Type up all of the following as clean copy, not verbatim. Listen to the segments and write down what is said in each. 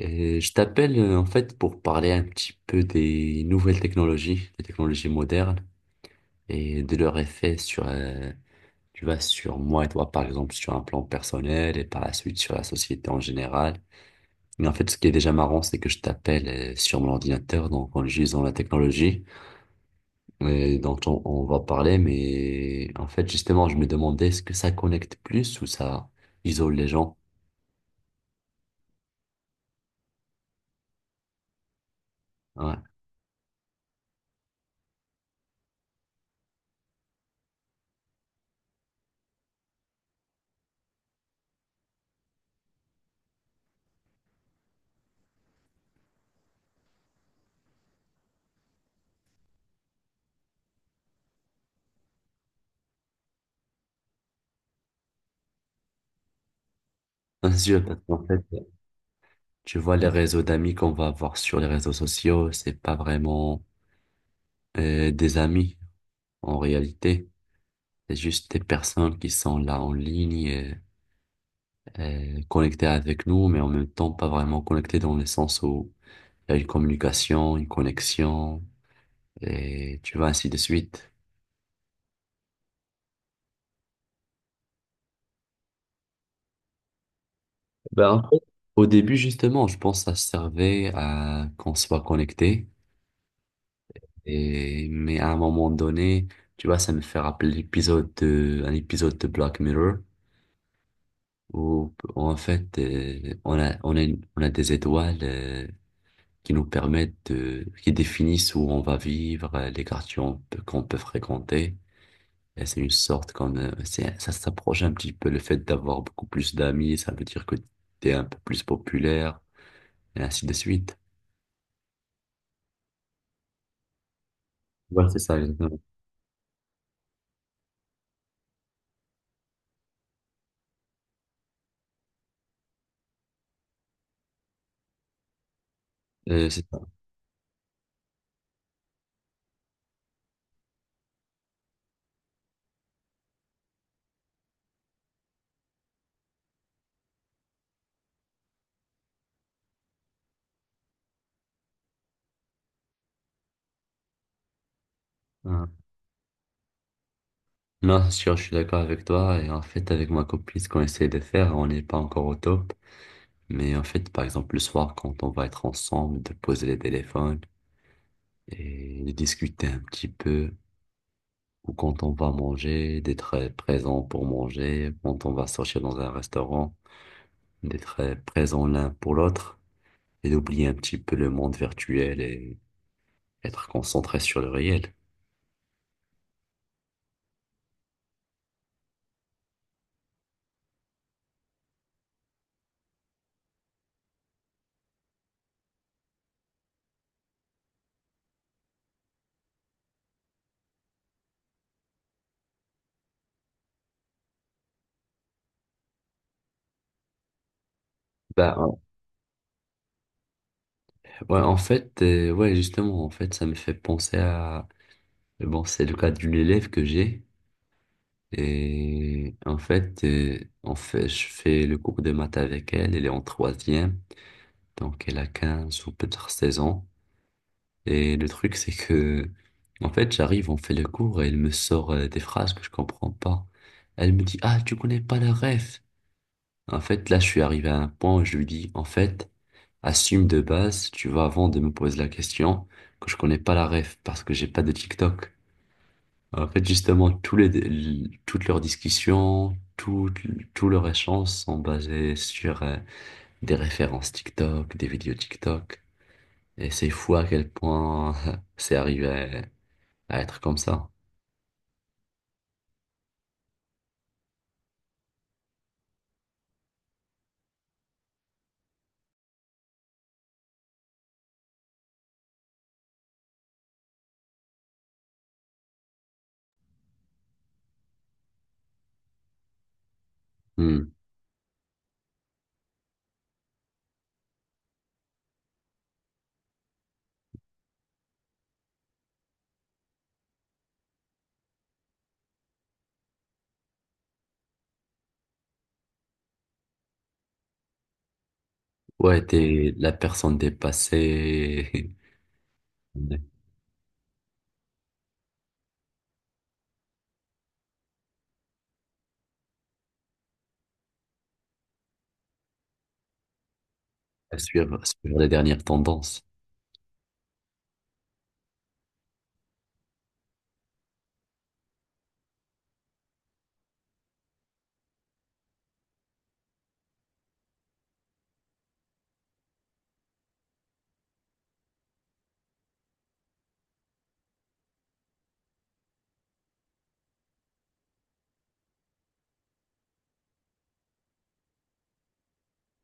Je t'appelle en fait pour parler un petit peu des nouvelles technologies, des technologies modernes et de leur effet sur, tu vois, sur moi et toi par exemple, sur un plan personnel et par la suite sur la société en général. Mais en fait, ce qui est déjà marrant, c'est que je t'appelle sur mon ordinateur, donc en utilisant la technologie dont on va parler. Mais en fait, justement, je me demandais est-ce que ça connecte plus ou ça isole les gens? Ouais. Bien sûr, parce qu'en fait, tu vois, les réseaux d'amis qu'on va avoir sur les réseaux sociaux, c'est pas vraiment des amis en réalité. C'est juste des personnes qui sont là en ligne, connectées avec nous, mais en même temps pas vraiment connectées dans le sens où il y a une communication, une connexion, et tu vois, ainsi de suite. Ben, en fait, au début, justement, je pense que ça servait à qu'on soit connecté, et, mais à un moment donné, tu vois, ça me fait rappeler l'épisode de, un épisode de Black Mirror où en fait, on a des étoiles qui nous permettent de, qui définissent où on va vivre, les quartiers qu'on peut fréquenter. Et c'est une sorte comme, ça s'approche un petit peu le fait d'avoir beaucoup plus d'amis, ça veut dire que tu es un peu plus populaire, et ainsi de suite. Ouais, c'est ça, exactement. C'est ça. Ah. Non, c'est sûr, je suis d'accord avec toi. Et en fait, avec ma copine, ce qu'on essaie de faire, on n'est pas encore au top. Mais en fait, par exemple, le soir, quand on va être ensemble, de poser les téléphones, et de discuter un petit peu ou quand on va manger, d'être présent pour manger, quand on va sortir dans un restaurant, d'être présent l'un pour l'autre et d'oublier un petit peu le monde virtuel et être concentré sur le réel. Bah, en- ouais, en fait, ouais, justement, en fait, ça me fait penser à, bon, c'est le cas d'une élève que j'ai, et en fait, je fais le cours de maths avec elle, elle est en troisième, donc elle a 15 ou peut-être 16 ans. Et le truc, c'est que, en fait, j'arrive, on fait le cours et elle me sort des phrases que je comprends pas. Elle me dit, ah, tu connais pas la ref. En fait, là, je suis arrivé à un point où je lui dis, en fait, assume de base, tu vois, avant de me poser la question, que je connais pas la ref parce que j'ai pas de TikTok. En fait, justement, toutes leurs discussions, tout, tout leur échange sont basés sur des références TikTok, des vidéos TikTok. Et c'est fou à quel point c'est arrivé à être comme ça. Hmm. Ouais, t'es la personne dépassée. À suivre, suivre les dernières tendances.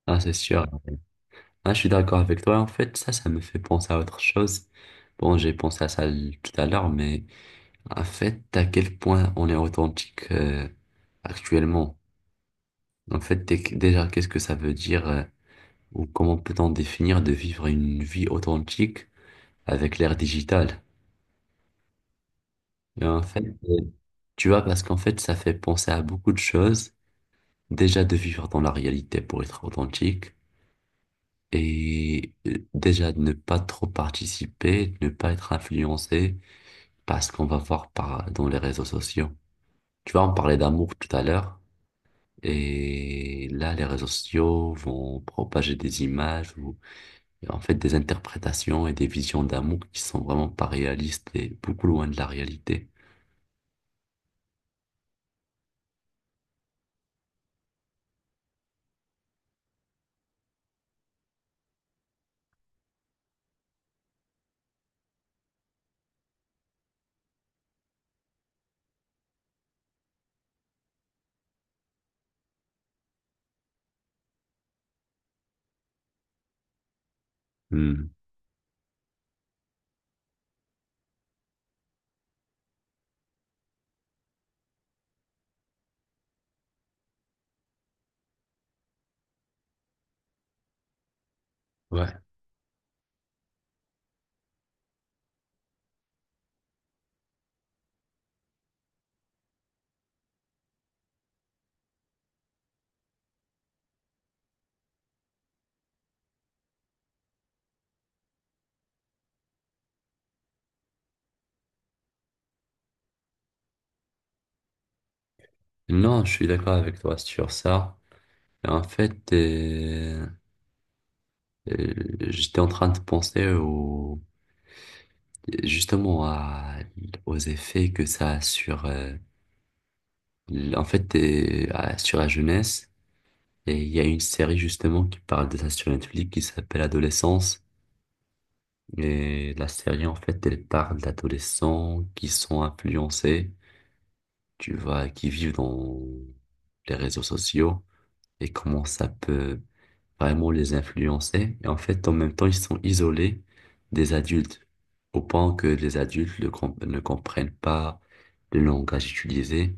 Ah, c'est sûr. Ah, je suis d'accord avec toi. En fait, ça me fait penser à autre chose. Bon, j'ai pensé à ça tout à l'heure, mais en fait, à quel point on est authentique actuellement. En fait, déjà, qu'est-ce que ça veut dire ou comment peut-on définir de vivre une vie authentique avec l'ère digitale? Et en fait, tu vois, parce qu'en fait, ça fait penser à beaucoup de choses. Déjà de vivre dans la réalité pour être authentique et déjà de ne pas trop participer, de ne pas être influencé par ce qu'on va voir par, dans les réseaux sociaux. Tu vois, on parlait d'amour tout à l'heure et là, les réseaux sociaux vont propager des images ou en fait des interprétations et des visions d'amour qui sont vraiment pas réalistes et beaucoup loin de la réalité. Hmm. Ouais. Non, je suis d'accord avec toi sur ça. En fait, Euh, j'étais en train de penser au, justement à, aux effets que ça a sur, en fait, sur la jeunesse. Et il y a une série justement qui parle de ça sur Netflix qui s'appelle Adolescence. Et la série, en fait, elle parle d'adolescents qui sont influencés, tu vois, qui vivent dans les réseaux sociaux et comment ça peut vraiment les influencer. Et en fait, en même temps, ils sont isolés des adultes, au point que les adultes ne, com- ne comprennent pas le langage utilisé.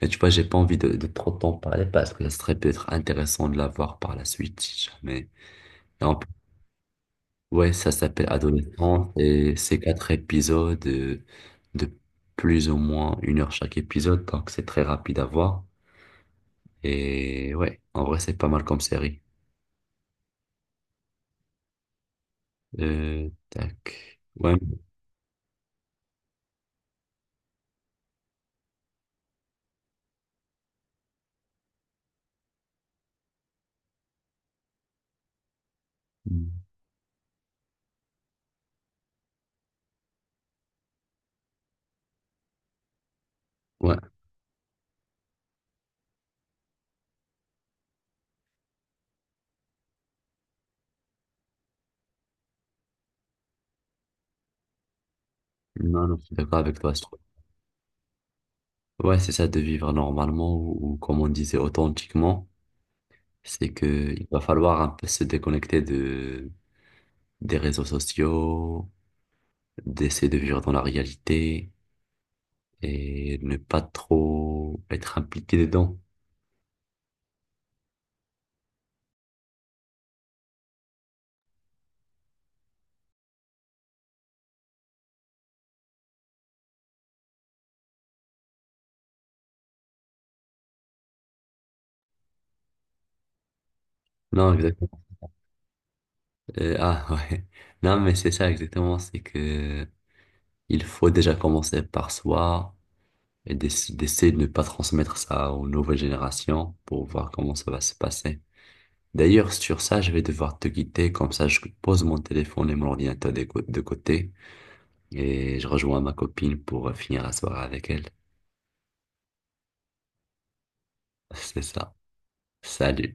Mais tu vois, j'ai pas envie de trop en parler parce que ça serait peut-être intéressant de la voir par la suite, si jamais. Et en plus, ouais, ça s'appelle Adolescence et c'est 4 épisodes de plus ou moins 1 heure chaque épisode, donc c'est très rapide à voir. Et ouais, en vrai, c'est pas mal comme série. Tac. Ouais. Mm. Ouais. Non, non, je suis d'accord avec toi, je trouve. Ouais, c'est ça, de vivre normalement ou comme on disait authentiquement. C'est que il va falloir un peu se déconnecter de, des réseaux sociaux, d'essayer de vivre dans la réalité et ne pas trop être impliqué dedans. Non, exactement. Ouais. Non, mais c'est ça exactement. C'est que il faut déjà commencer par soi et d'essayer de ne pas transmettre ça aux nouvelles générations pour voir comment ça va se passer. D'ailleurs, sur ça, je vais devoir te quitter, comme ça je pose mon téléphone et mon ordinateur de côté et je rejoins ma copine pour finir la soirée avec elle. C'est ça. Salut.